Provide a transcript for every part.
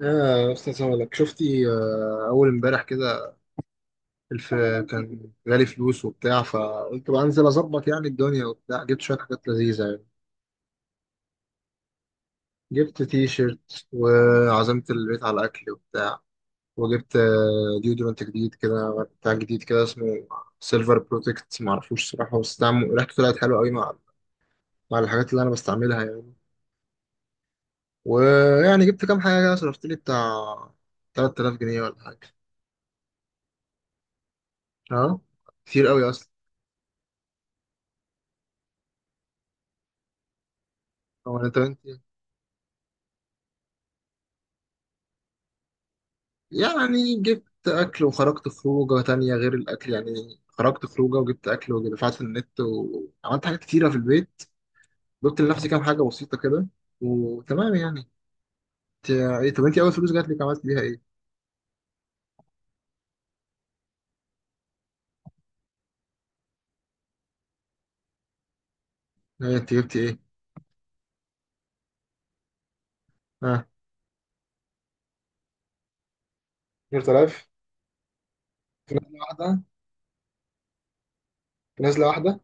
يا استاذ، هقولك. شفتي؟ اول امبارح كده الف، كان جالي فلوس وبتاع، فقلت بقى انزل اظبط يعني الدنيا وبتاع. جبت شويه حاجات لذيذه يعني، جبت تي شيرت وعزمت البيت على اكل وبتاع. وجبت ديودرنت جديد كده، بتاع جديد كده، اسمه سيلفر بروتكت، معرفوش صراحه، بس طعمه ريحته طلعت حلوه قوي مع الحاجات اللي انا بستعملها يعني. ويعني جبت كام حاجه كده، صرفت لي بتاع 3000 جنيه ولا حاجه. اه، كتير قوي اصلا. هو انت يعني جبت أكل، وخرجت خروجة تانية غير الأكل، يعني خرجت خروجة وجبت أكل، ودفعت في النت، وعملت حاجات كتيرة في البيت، جبت لنفسي كام حاجة بسيطة كده، وتمام يعني. انت- إيه، طب أنت أول فلوس جات لك عملت بيها إيه؟ إيه، أنت جبتي إيه؟ ها. 10000؟ في نزلة واحدة؟ في نزلة واحدة.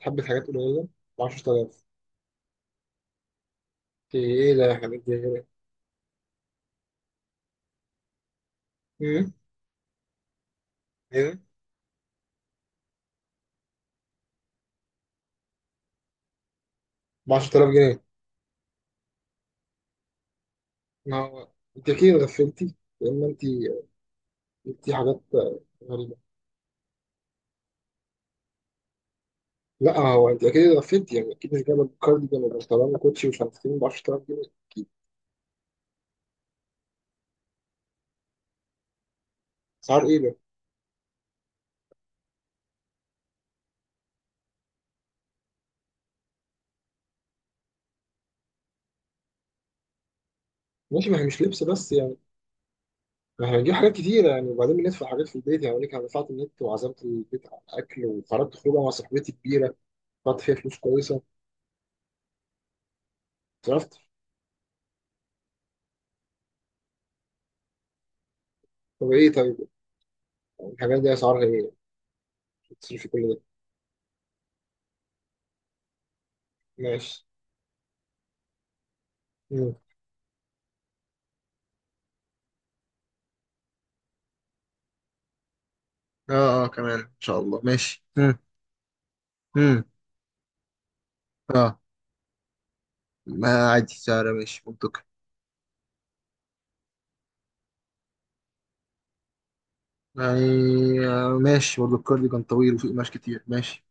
حبة حاجات قليلة ب 10000؟ إنت إيه ده يا حبيبتي غير؟ إيه؟ إيه؟ ب 10000 جنيه؟ ما هو أنت أكيد غفلتي، لأن أنت جبتي حاجات غريبة. لا، هو انت اكيد اتغفلت يعني، اكيد مش جايبه كاردي جنب، مش طالما كوتشي ومش عارف ايه ب 10000 جنيه. اكيد. اسعار ايه ده؟ ماشي، ما هي مش لبس بس يعني، ما احنا هنجيب حاجات كتيره يعني، وبعدين بندفع حاجات في البيت يعني. انا دفعت النت، وعزمت البيت على الاكل، وخرجت خروجه مع صاحبتي كبيره، دفعت فيها فلوس كويسه، صرفت. طب ايه، طيب، يعني الحاجات دي اسعارها ايه؟ تصرفي كل ده؟ ماشي. مم. اه اه، كمان ان شاء الله ماشي. مم. مم. اه. ما عادي سعر، ماشي منطقي يعني. آه، ماشي برضه، الكارديجان طويل وفيه قماش كتير، ماشي.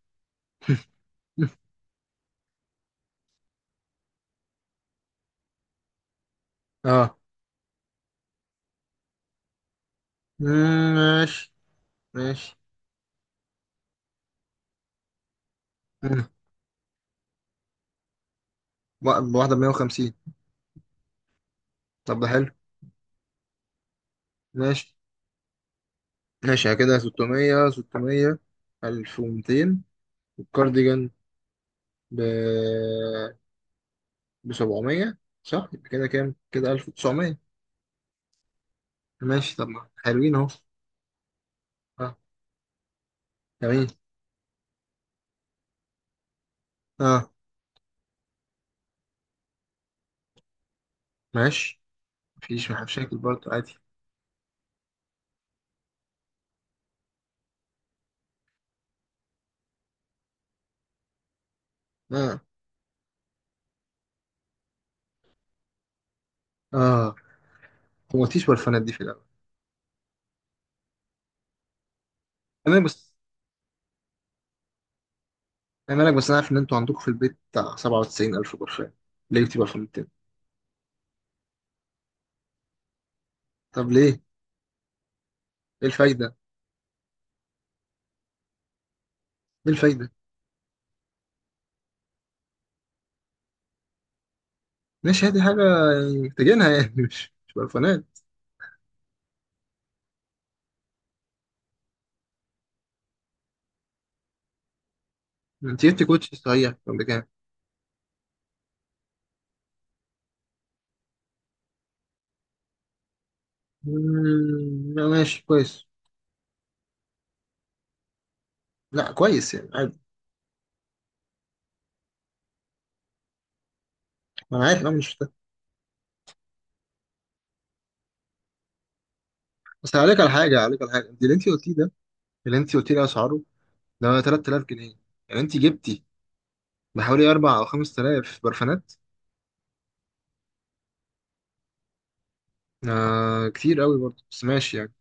اه. مم، ماشي. ماشي. مم. واحدة ب 150؟ طب ده حلو. ماشي ماشي، يعني كده 600 600 1200، والكارديجان ب 700، صح؟ يبقى كده كام، كده 1900. ماشي، طب ما حلوين اهو. اه، جميل. اه. ماشي، مفيش مشاكل برضه، عادي. اه. اه، ما قلتيش برفانات دي في الاول. انا بس، انا لك بس، انا عارف ان انتوا عندكم في البيت بتاع 97000 برفان. ليه جبتي برفانات تاني؟ طب ليه؟ ايه الفايدة؟ ايه الفايدة؟ ماشي، هاتي حاجة يعني محتاجينها، يعني مش برفانات. انت جبت كوتشي صحيح كان بكام؟ مم، لا، ماشي كويس. لا كويس يعني، عادي. انا عارف إن انا مش محتاج، بس عليك على حاجة، عليك على حاجة انت اللي انت قلتيه ده. اللي انت قلتيه ده اسعاره ده 3000 جنيه، يعني انت جبتي بحوالي 4 او 5000 برفانات. آه، كتير قوي برضه، بس ماشي يعني.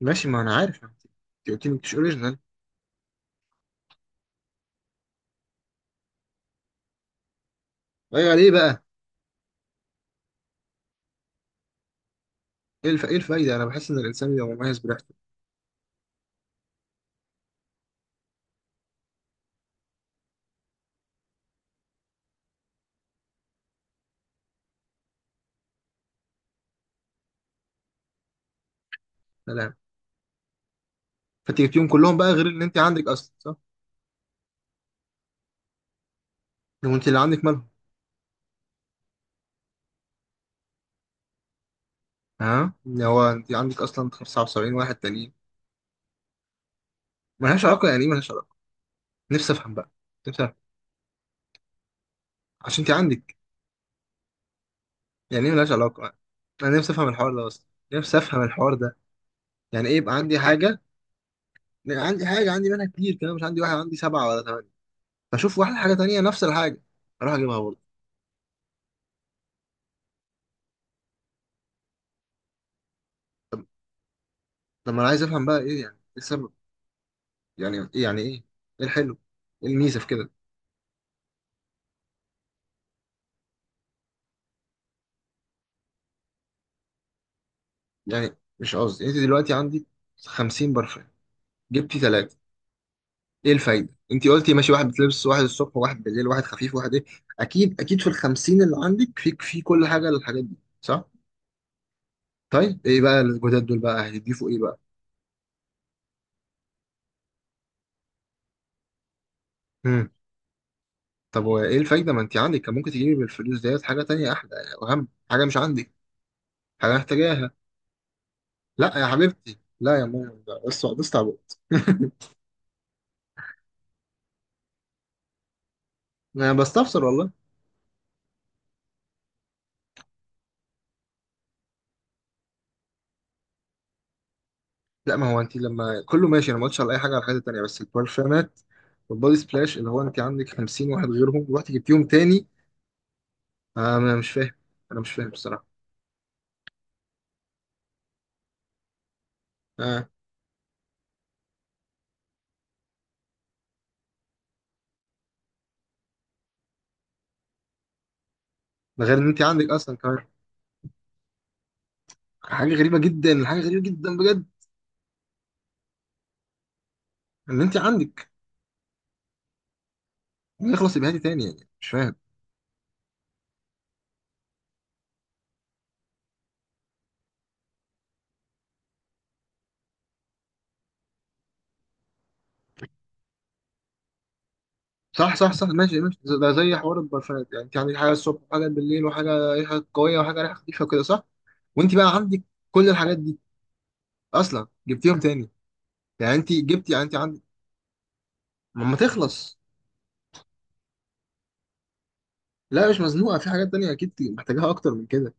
ماشي، ما انا عارف يعني. انت قلتي مش اوريجينال. ايوه، ليه بقى؟ ايه الفايدة؟ انا بحس ان الانسان بيبقى مميز بريحته. سلام. فانت جبتيهم كلهم بقى غير ان انت عندك اصلا، صح؟ لو انت اللي عندك مالهم؟ ها، اللي هو انت عندك اصلا 75 واحد تانيين. ملهاش علاقه؟ يعني ايه ملهاش علاقه؟ نفسي افهم بقى، نفسي افهم، عشان انت عندك. يعني ايه ملهاش علاقه؟ انا نفسي افهم الحوار ده اصلا، نفسي افهم الحوار ده. يعني ايه يبقى عندي حاجه، عندي حاجه عندي منها كتير كمان، مش عندي واحد، عندي سبعه ولا ثمانيه، فاشوف واحده حاجه تانيه نفس الحاجه اروح اجيبها برضه؟ طب طب ما انا عايز افهم بقى، ايه يعني ايه السبب، يعني ايه، يعني ايه، ايه الحلو، ايه الميزه في كده؟ يعني مش قصدي، انت دلوقتي عندي 50 برفان، جبتي ثلاثه. ايه الفايده؟ انت قلتي ماشي، واحد بتلبس واحد الصبح واحد بالليل واحد خفيف واحد ايه. اكيد اكيد في الخمسين اللي عندك، في كل حاجه للحاجات دي، صح؟ طيب ايه بقى الجداد دول بقى هيضيفوا ايه بقى؟ امم. طب وايه الفايده؟ ما انت عندك، كان ممكن تجيبي بالفلوس ديت حاجه تانية احلى، واهم حاجه مش عندك، حاجه محتاجاها. لا يا حبيبتي، لا يا ماما، ده بس تعبت. انا بستفسر والله. لا، ما هو انت لما كله ماشي انا ما قلتش على اي حاجه، على الحاجات التانيه، بس البرفانات والبودي سبلاش، اللي هو انت عندك 50 واحد غيرهم رحت جبتيهم تاني. انا مش فاهم، انا مش فاهم بصراحه. اه، ده غير ان انت عندك اصلا كمان، حاجه غريبه جدا، حاجه غريبه جدا بجد. ان انت عندك يخلص يبقى هاتي تاني؟ يعني مش فاهم. صح صح صح، ماشي ماشي، ده زي حوار البرفانات يعني، انت عندك حاجه الصبح وحاجه بالليل وحاجه ريحه قويه وحاجه ريحه خفيفه وكده، صح؟ وانت بقى عندك كل الحاجات دي اصلا، جبتيهم تاني. يعني انت جبتي، يعني انت عندك ما تخلص. لا، مش مزنوقه، في حاجات تانية اكيد محتاجاها اكتر من كده.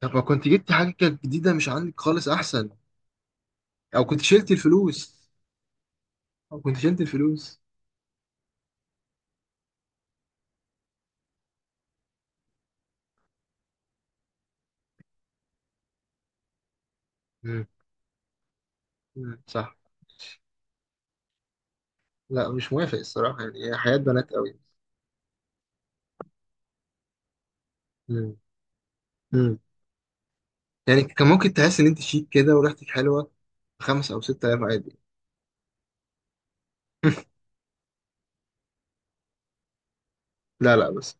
طب ما كنت جبتي حاجه كانت جديده مش عندك خالص، احسن. او كنت شلتي الفلوس. او كنت شلتي الفلوس. مم. مم، صح. لا، مش موافق الصراحة، يعني هي حياة بنات قوي. مم. مم. يعني كان ممكن تحس ان انت شيك كده وريحتك حلوة خمس او ستة ايام، عادي. لا لا، بس،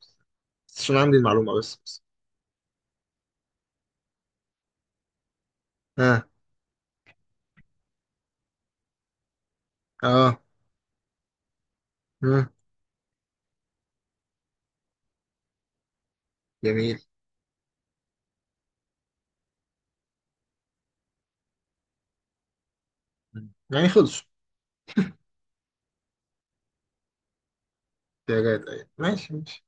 بس عشان عندي المعلومة، بس بس. اه. اه. مم. جميل. مم، يعني خلصوا. احتياجات، ايوه، ماشي ماشي.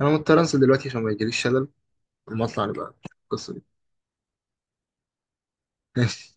انا مضطر انزل دلوقتي عشان ما يجيليش شلل، اما اطلع نبقى القصة دي. ماشي.